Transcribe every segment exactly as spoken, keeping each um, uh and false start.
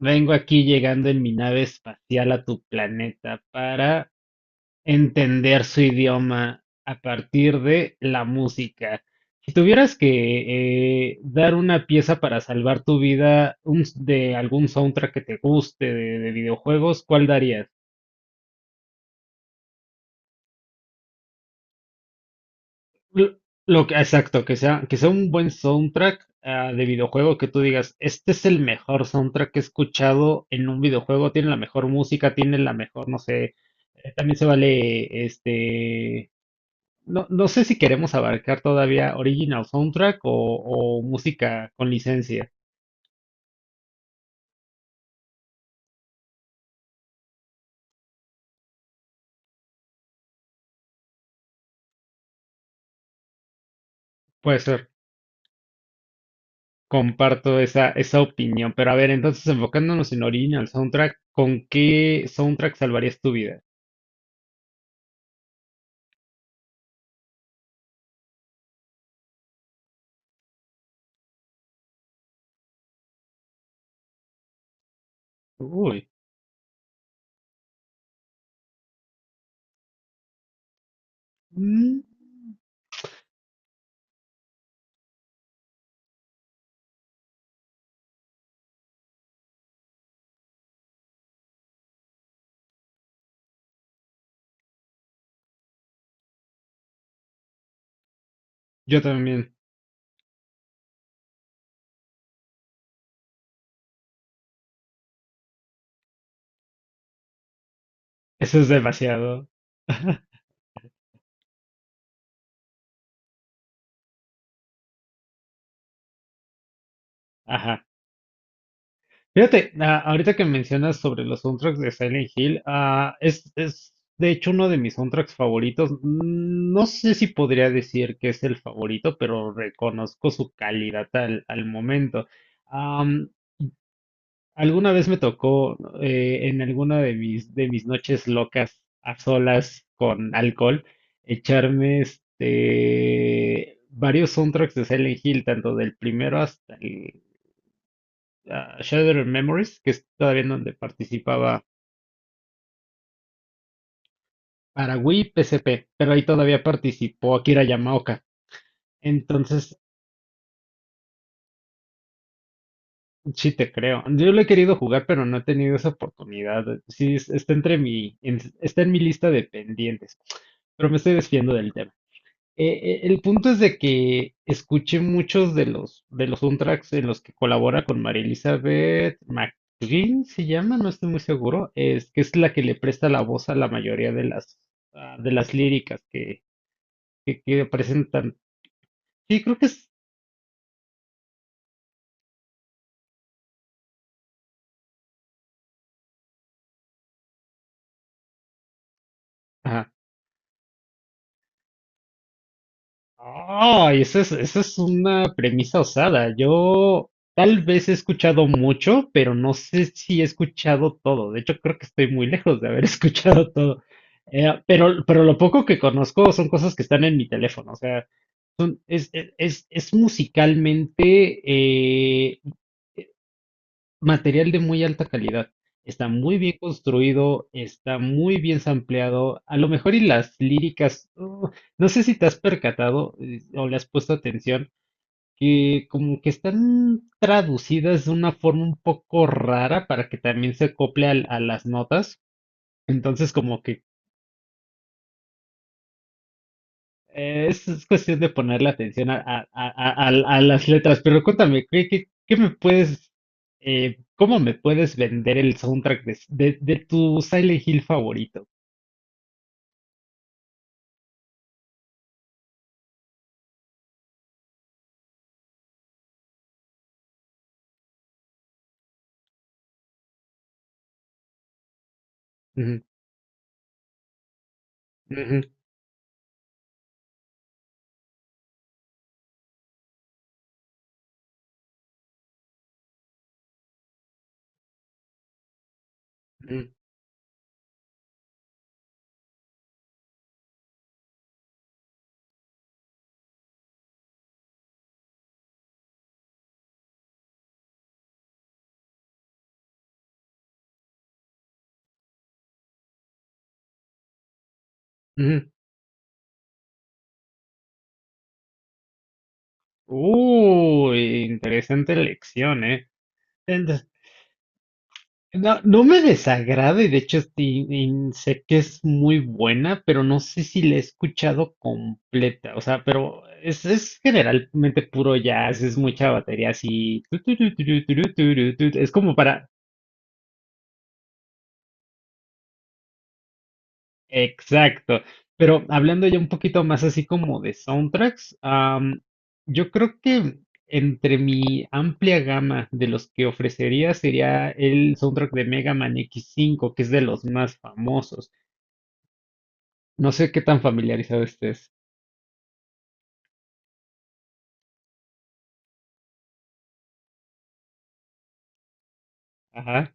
Vengo aquí llegando en mi nave espacial a tu planeta para entender su idioma a partir de la música. Si tuvieras que eh, dar una pieza para salvar tu vida un s- de algún soundtrack que te guste de, de videojuegos, ¿cuál darías? Lo lo que, exacto, que sea, que sea un buen soundtrack ah, de videojuego, que tú digas, este es el mejor soundtrack que he escuchado en un videojuego, tiene la mejor música, tiene la mejor, no sé, eh, también se vale, este, no, no sé si queremos abarcar todavía original soundtrack o, o música con licencia. Puede ser, comparto esa, esa opinión, pero a ver, entonces enfocándonos en original soundtrack, ¿con qué soundtrack salvarías tu vida? Uy. Mm. Yo también. Eso es demasiado. Ajá. Fíjate, ah, ahorita que mencionas sobre los soundtracks de Silent Hill, ah, es, es de hecho uno de mis soundtracks favoritos. Mm. No sé si podría decir que es el favorito, pero reconozco su calidad al, al momento. Am, alguna vez me tocó eh, en alguna de mis, de mis noches locas a solas con alcohol echarme este, varios soundtracks de Silent Hill, tanto del primero hasta el ah, Shattered Memories, que es todavía en donde participaba para Wii P S P, pero ahí todavía participó Akira Yamaoka. Entonces, sí te creo. Yo lo he querido jugar, pero no he tenido esa oportunidad. Sí, es- está entre mi, en- está en mi lista de pendientes, pero me estoy desviando del tema. Eh, eh, el punto es de que escuché muchos de los de los soundtracks en los que colabora con María Elizabeth McGuinn, se llama, no estoy muy seguro, es que es la que le presta la voz a la mayoría de las ah, de las líricas que, que, que presentan. Sí, creo que es. Ay, esa es, esa es una premisa osada. Yo tal vez he escuchado mucho, pero no sé si he escuchado todo. De hecho, creo que estoy muy lejos de haber escuchado todo. Eh, pero, pero lo poco que conozco son cosas que están en mi teléfono. O sea, son- es, es, es- es musicalmente, eh, material de muy alta calidad. Está muy bien construido, está muy bien sampleado. A lo mejor y las líricas, uh, no sé si te has percatado eh, o le has puesto atención, que como que están traducidas de una forma un poco rara para que también se acople al- a, las notas. Entonces como que Eh, Es, es cuestión de ponerle atención a, a- a- a- a las letras, pero cuéntame, ¿qué, qué- qué me puedes, eh, cómo me puedes vender el soundtrack de, de- de tu Silent Hill favorito? Ujú. Ujú. Ujú. Ujú. Uy, interesante elección, ¿eh? No, no me desagrada y de hecho sí, y sé que es muy buena, pero no sé si la he escuchado completa. O sea, pero es, es generalmente puro jazz, es mucha batería así. Tu, tu, tu, tu, tu, tu, tu, tu, tu, tu. Es como para... Exacto. Pero hablando ya un poquito más así como de soundtracks, am, yo creo que entre mi amplia gama de los que ofrecería sería el soundtrack de Mega Man x cinco que es de los más famosos. No sé qué tan familiarizado estés. Ajá.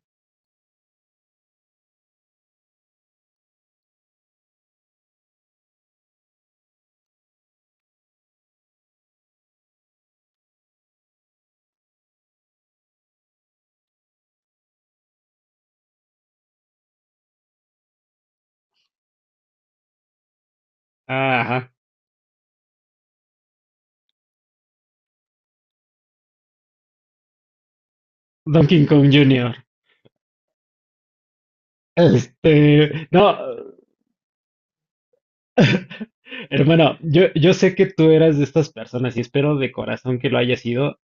Ah, ajá. Donkey Kong Junior. Este, no. Hermano, yo, yo sé que tú eras de estas personas y espero de corazón que lo hayas sido.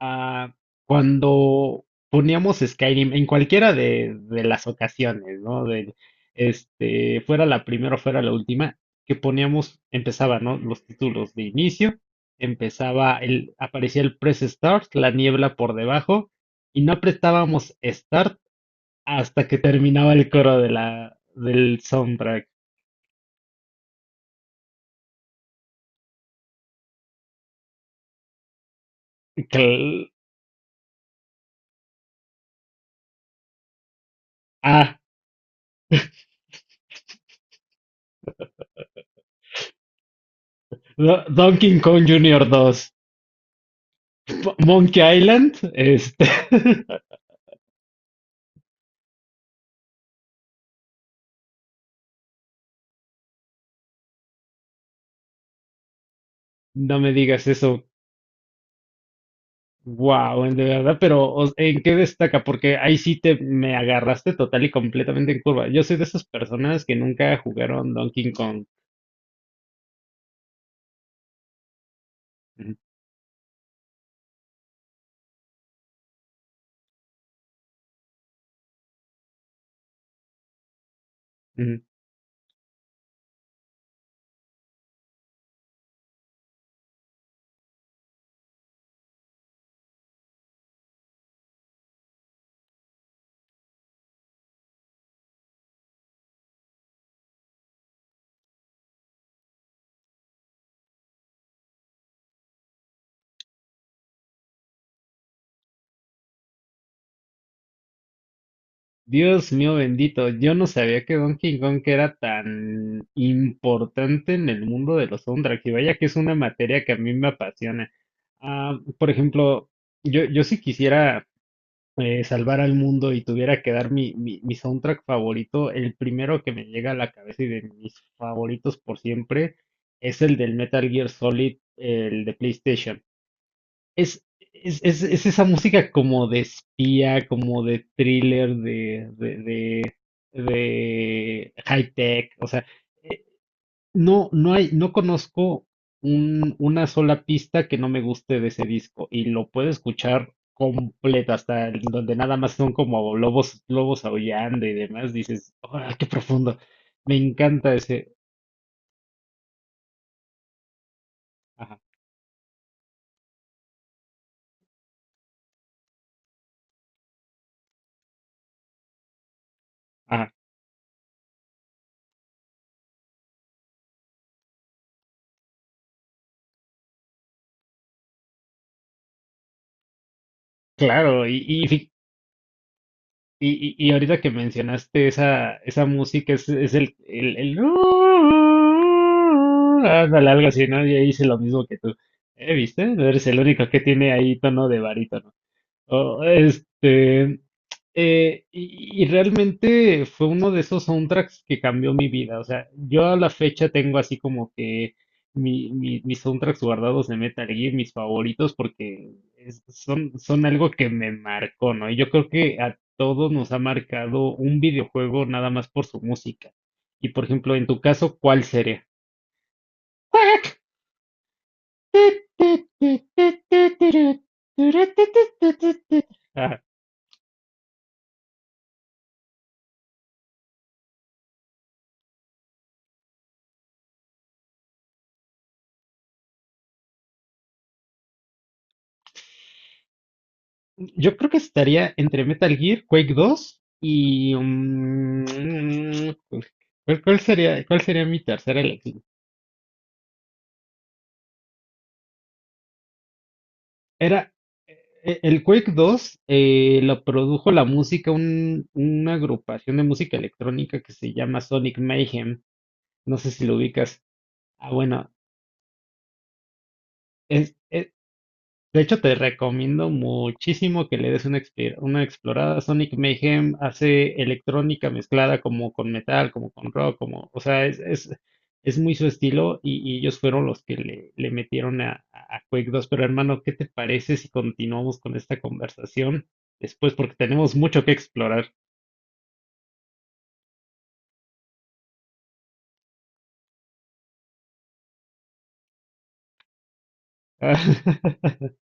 Ah, cuando poníamos Skyrim en cualquiera de, de las ocasiones, ¿no? De este, fuera la primera o fuera la última, que poníamos, empezaba, ¿no? Los títulos de inicio, empezaba el, aparecía el press start, la niebla por debajo, y no apretábamos start hasta que terminaba el coro de la, del soundtrack. Cl- Do- Donkey Kong junior dos. P- Monkey Island. Este. No me digas eso. Wow, de verdad, pero o- ¿en qué destaca? Porque ahí sí te me agarraste total y completamente en curva. Yo soy de esas personas que nunca jugaron Donkey Kong. Ujú. Ujú. Dios mío bendito, yo no sabía que Donkey Kong era tan importante en el mundo de los soundtracks. Y vaya que es una materia que a mí me apasiona. Ah, por ejemplo, yo, yo sí quisiera eh, salvar al mundo y tuviera que dar mi, mi, mi soundtrack favorito, el primero que me llega a la cabeza y de mis favoritos por siempre es el del Metal Gear Solid, el de PlayStation. Es, es, es, es esa música como de espía, como de thriller, de, de, de, de high tech, o sea, no, no hay, no conozco un- una sola pista que no me guste de ese disco y lo puedo escuchar completa hasta el- donde nada más son como lobos, lobos aullando y demás. Dices, ¡ah, qué profundo! Me encanta ese. Ajá, ajá, claro. Y, y, fi- y, y- y ahorita que mencionaste esa, esa música es, es el, el, el ándale, algo así, ¿no? Y ahí hice lo mismo que tú. ¿Eh, viste? Eres el único que tiene ahí tono de barítono. Oh, este, eh, y, y realmente fue uno de esos soundtracks que cambió mi vida. O sea, yo a la fecha tengo así como que mi- mi- mis soundtracks guardados de Metal Gear, mis favoritos, porque es- son, son algo que me marcó, ¿no? Y yo creo que a todos nos ha marcado un videojuego nada más por su música. Y por ejemplo, en tu caso, ¿cuál sería? Ajá. Yo creo que estaría entre Metal Gear, Quake dos y... mm, ¿cuál, cuál sería, cuál sería mi tercera elección? Era eh, el Quake dos eh, lo produjo la música, un- una agrupación de música electrónica que se llama Sonic Mayhem. No sé si lo ubicas. Ah, bueno, de hecho, te recomiendo muchísimo que le des una, expe- una explorada. Sonic Mayhem hace electrónica mezclada como con metal, como con rock, como, o sea, es, es, es muy su estilo y, y ellos fueron los que le, le metieron a, a a Quake dos. Pero hermano, ¿qué te parece si continuamos con esta conversación después? Porque tenemos mucho que explorar.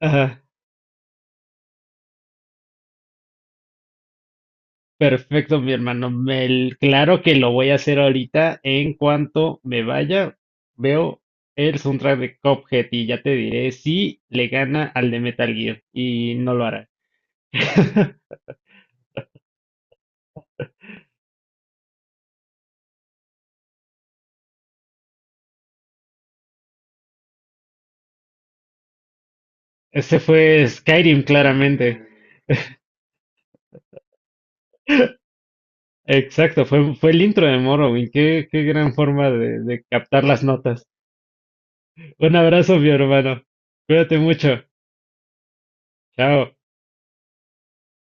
Ajá. Perfecto, mi hermano. Me- claro que lo voy a hacer ahorita. En cuanto me vaya, veo el soundtrack de Cuphead y ya te diré si le gana al de Metal Gear. Y no lo hará. Ese fue Skyrim, claramente. Exacto, fue, fue el intro de Morrowind. Qué, qué gran forma de de captar las notas. Un abrazo, mi hermano. Cuídate mucho. Chao.